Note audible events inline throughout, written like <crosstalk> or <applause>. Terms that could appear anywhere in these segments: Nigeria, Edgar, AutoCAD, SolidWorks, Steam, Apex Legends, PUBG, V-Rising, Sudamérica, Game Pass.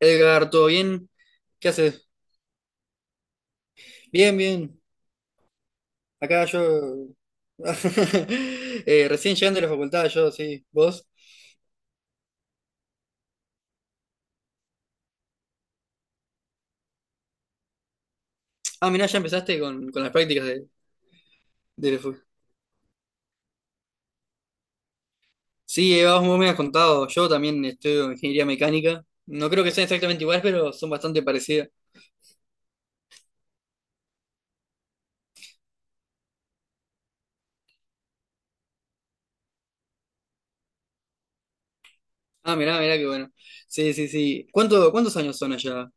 Edgar, ¿todo bien? ¿Qué haces? Bien, bien. Acá yo. <laughs> Recién llegando de la facultad, yo, sí. ¿Vos? Ah, mirá, ya empezaste con las prácticas de la facu. Sí, vos me has contado. Yo también estudio ingeniería mecánica. No creo que sean exactamente iguales, pero son bastante parecidas. Ah, mirá, mirá, qué bueno. Sí, sí, sí. Cuántos años son allá?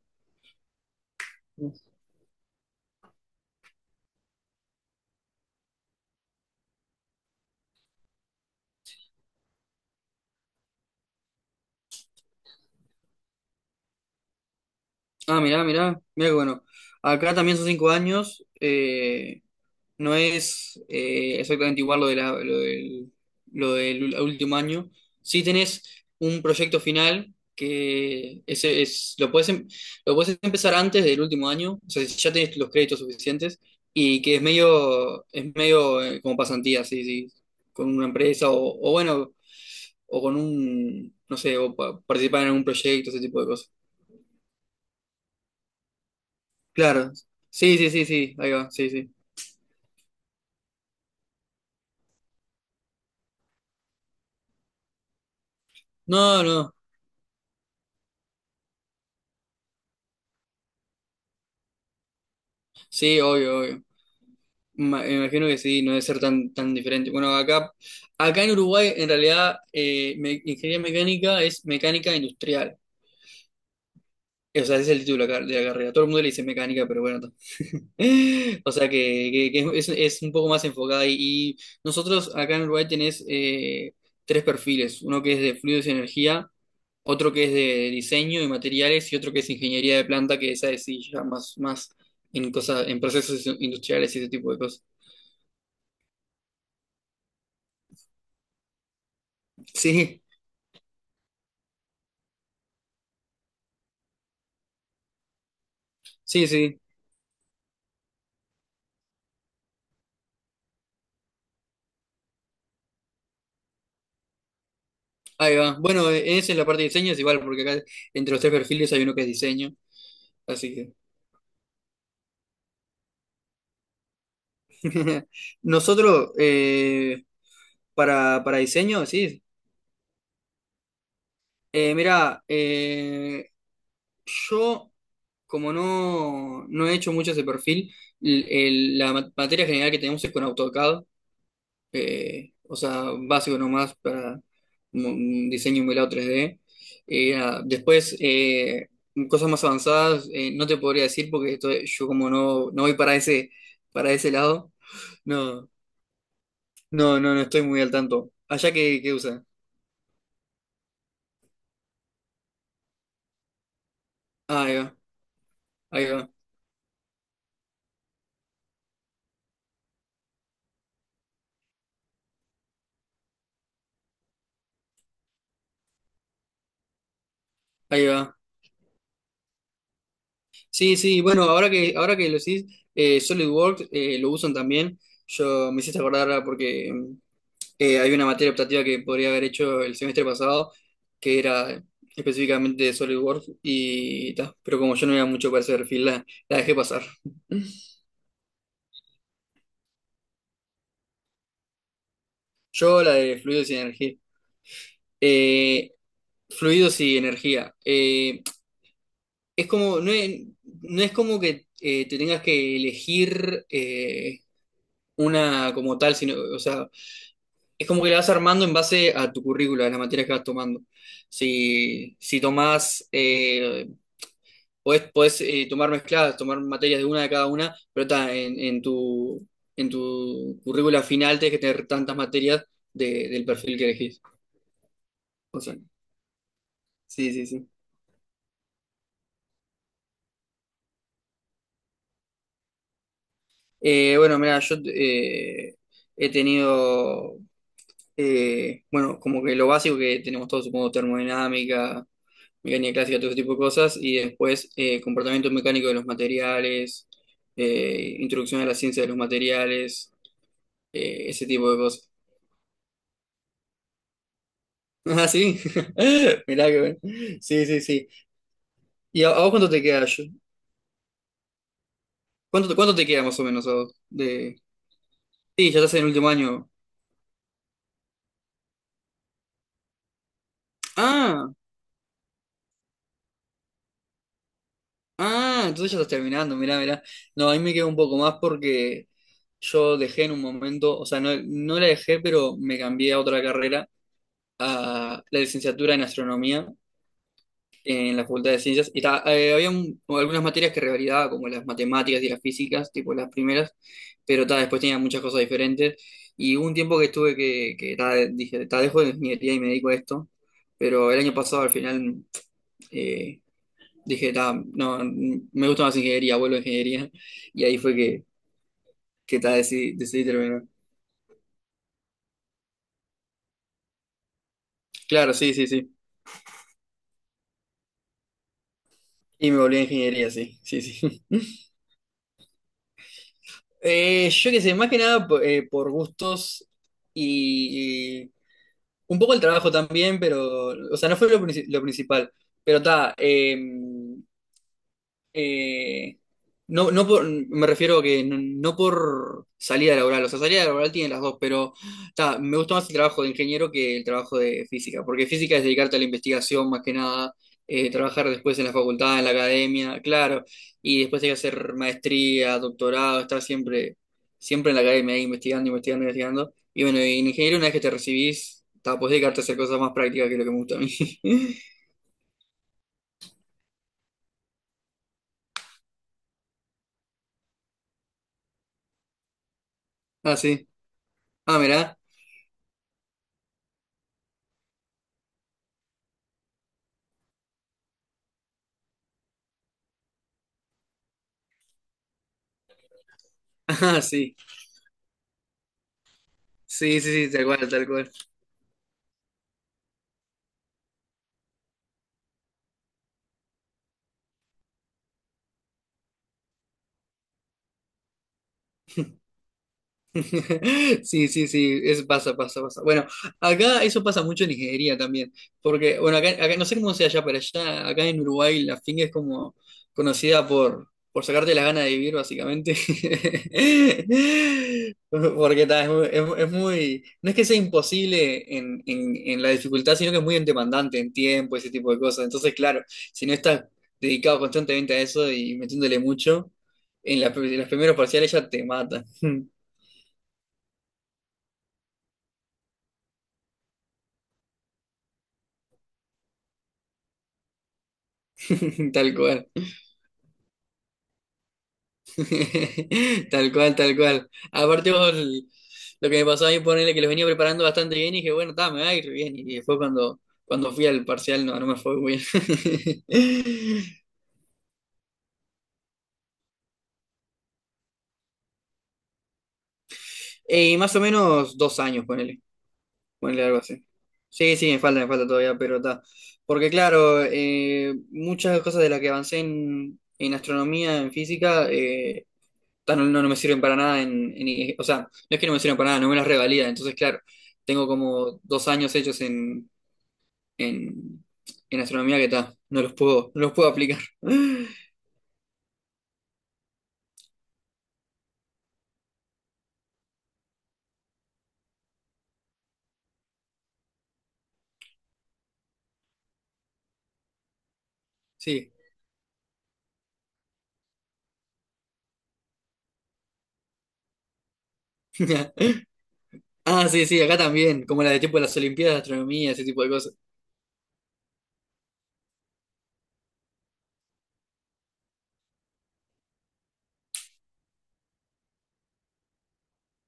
Ah, mirá, mirá, mirá, qué bueno. Acá también son cinco años. No es exactamente igual lo del último año. Sí tenés un proyecto final que ese es, lo puedes, lo puedes empezar antes del último año, o sea, si ya tenés los créditos suficientes y que es medio como pasantía, sí, sí, con una empresa o bueno, o con un, no sé, o participar en algún proyecto, ese tipo de cosas. Claro, sí, sí, sí, sí, ahí va, sí, sí. No, no, sí, obvio, obvio. Me imagino que sí, no debe ser tan, tan diferente. Bueno, acá, acá en Uruguay, en realidad, ingeniería mecánica es mecánica industrial. O sea, ese es el título de de la carrera. Todo el mundo le dice mecánica, pero bueno. <laughs> O sea, que, que es un poco más enfocada. Y nosotros acá en Uruguay tenés tres perfiles. Uno que es de fluidos y energía, otro que es de diseño y materiales y otro que es ingeniería de planta, que esa es sí, ya más, más en cosas, en procesos industriales y ese tipo de cosas. Sí. Sí, sí. Ahí va. Bueno, esa es la parte de diseño, es igual, porque acá entre los tres perfiles hay uno que es diseño, así que. <laughs> Nosotros, para diseño, sí. Mira, yo, como no, no he hecho mucho ese perfil, materia general que tenemos es con AutoCAD, o sea, básico nomás para un diseño emulado 3D. Después, cosas más avanzadas, no te podría decir porque yo como no, no voy para ese lado, no, no, no, no estoy muy al tanto. Allá que usa. Ah, ahí va, ahí va, ahí va. Sí, sí, bueno, ahora que lo decís, SolidWorks lo usan también. Yo me hiciste acordar ahora porque hay una materia optativa que podría haber hecho el semestre pasado, que era específicamente de SolidWorks, y ta, pero como yo no era mucho para ese perfil, la dejé pasar. <laughs> Yo la de fluidos y energía. Eh, fluidos y energía. Es como, no es, no es como que te tengas que elegir una como tal, sino, o sea, es como que la vas armando en base a tu currícula, a las materias que vas tomando. Si, si tomás podés, podés, tomar mezcladas, tomar materias de una de cada una, pero ta, en tu currícula final tenés que tener tantas materias del perfil que elegís. O sea, sí, sí, sí. Bueno, mira, yo he tenido, bueno, como que lo básico que tenemos todos, supongo, termodinámica, mecánica clásica, todo ese tipo de cosas, y después comportamiento mecánico de los materiales, introducción a la ciencia de los materiales, ese tipo de cosas. Ah, sí. <laughs> Mirá que bueno. Sí, sí, sí. ¿Y a vos cuánto te queda? ¿Cuánto, cuánto te queda más o menos a vos? De... Sí, ya estás en el último año. Ah, ah, entonces ya estás terminando, mirá, mirá. No, a mí me queda un poco más porque yo dejé en un momento, o sea, no, no la dejé, pero me cambié a otra carrera, a la licenciatura en astronomía en la Facultad de Ciencias. Y había algunas materias que revalidaba, como las matemáticas y las físicas, tipo las primeras, pero ta, después tenía muchas cosas diferentes. Y hubo un tiempo que estuve que ta, dije, ta, dejo de ingeniería y me dedico a esto. Pero el año pasado al final eh, dije, ta, no, me gusta más ingeniería, vuelvo a ingeniería. Y ahí fue que ta, decidí, decidí terminar. Claro, sí, sí, sí. Y me volví a ingeniería, sí, sí, sí. <laughs> Yo qué sé, más que nada por gustos y, un poco el trabajo también, pero, o sea, no fue lo, lo principal. Pero está, eh, no, no por, me refiero a que no, no por salida laboral, o sea, salida laboral tiene las dos, pero ta, me gusta más el trabajo de ingeniero que el trabajo de física, porque física es dedicarte a la investigación más que nada, trabajar después en la facultad, en la academia, claro, y después hay que hacer maestría, doctorado, estar siempre, siempre en la academia, ahí investigando, investigando, investigando. Y bueno, y en ingeniero una vez que te recibís, ta, podés dedicarte a hacer cosas más prácticas que es lo que me gusta a mí. <laughs> Ah, sí. Ah, mirá. <laughs> Ah, sí. Sí, sí, sí, tal cual, tal cual. <laughs> Sí, sí, sí, es, pasa, pasa, pasa. Bueno, acá eso pasa mucho en Nigeria también, porque, bueno, acá, no sé cómo sea allá, pero allá, acá en Uruguay la finga es como conocida por sacarte las ganas de vivir, básicamente. <laughs> Porque ta, es, muy, no es que sea imposible en la dificultad, sino que es muy demandante en tiempo, ese tipo de cosas. Entonces, claro, si no estás dedicado constantemente a eso y metiéndole mucho, en, en los primeros parciales ya te mata. <laughs> <laughs> Tal cual. <laughs> Tal cual, tal cual. Aparte vos, lo que me pasó a mí, ponerle que los venía preparando bastante bien y dije, bueno, está, me va a ir bien. Y después cuando, cuando fui al parcial, no, no me fue muy bien. <laughs> Y más o menos dos años, ponele. Ponele algo así. Sí, sí, me falta todavía, pero está. Porque claro, muchas cosas de las que avancé en astronomía, en física, no, no, no me sirven para nada o sea, no es que no me sirven para nada, no me las revalida. Entonces, claro, tengo como dos años hechos en, en astronomía que está, no los puedo, no los puedo aplicar. <laughs> Sí. <laughs> Ah, sí, sí, acá también, como la de tipo de las Olimpiadas de Astronomía, ese tipo de cosas.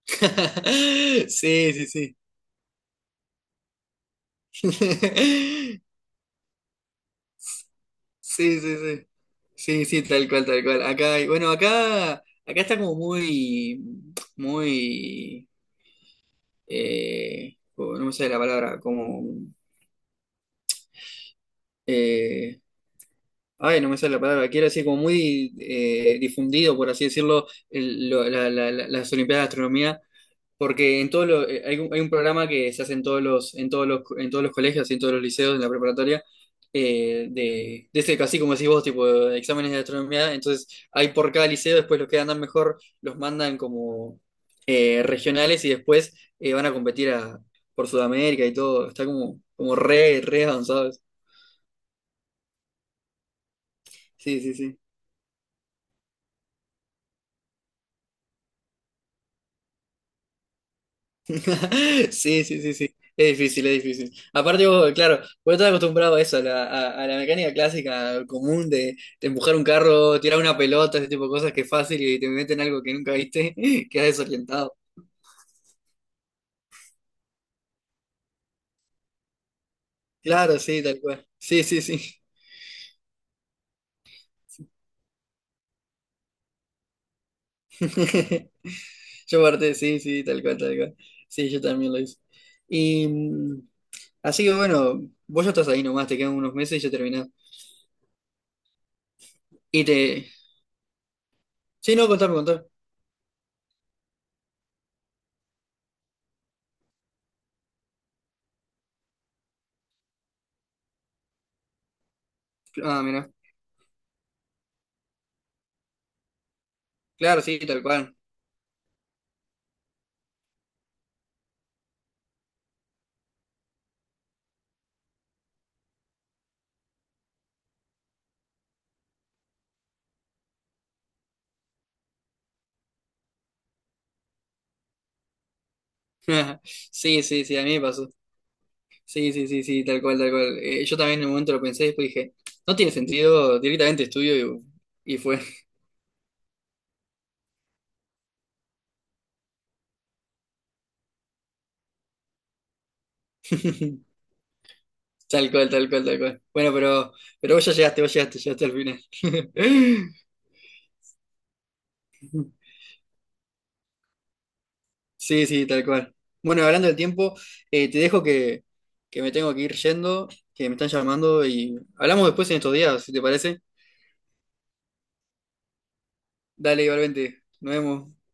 <laughs> Sí, sí, sí. <laughs> Sí, sí, sí. Sí, sí, tal cual, tal cual. Acá, bueno, acá, acá está como muy, muy oh, no me sale la palabra, como, eh, ay, no me sale la palabra, quiero decir, como muy difundido, por así decirlo, las Olimpiadas de Astronomía. Porque en todos los, hay un programa que se hace en todos los, en todos los, en todos los colegios, y en todos los liceos, en la preparatoria, de ese, así como decís vos, tipo, de exámenes de astronomía. Entonces, hay por cada liceo, después los que andan mejor los mandan como regionales y después van a competir a, por Sudamérica y todo. Está como, como re, re avanzados. Sí, sí, sí. <laughs> Sí, sí, sí, sí. Es difícil, es difícil. Aparte, vos, claro, vos estás acostumbrado a eso, a la, a la mecánica clásica común de empujar un carro, tirar una pelota, ese tipo de cosas que es fácil y te meten algo que nunca viste, <laughs> quedas desorientado. Claro, sí, tal cual. Sí, sí, sí. <laughs> Yo parte, sí, sí, tal cual, tal cual. Sí, yo también lo hice. Y mm, así que bueno, vos ya estás ahí nomás, te quedan unos meses y ya terminás. Y te. Sí, no, contame, contame. Ah, mira. Claro, sí, tal cual. <laughs> Sí, sí, sí, a mí me pasó. Sí, sí, sí, sí, tal cual, tal cual. Yo también en un momento lo pensé después dije, no tiene sentido, directamente estudio y fue. <laughs> Tal cual, tal cual, tal cual. Bueno, pero vos ya llegaste, vos llegaste, llegaste al final. <laughs> Sí, sí, tal cual. Bueno, hablando del tiempo, te dejo que me tengo que ir yendo, que me están llamando y hablamos después en estos días, si te parece. Dale, igualmente, nos vemos.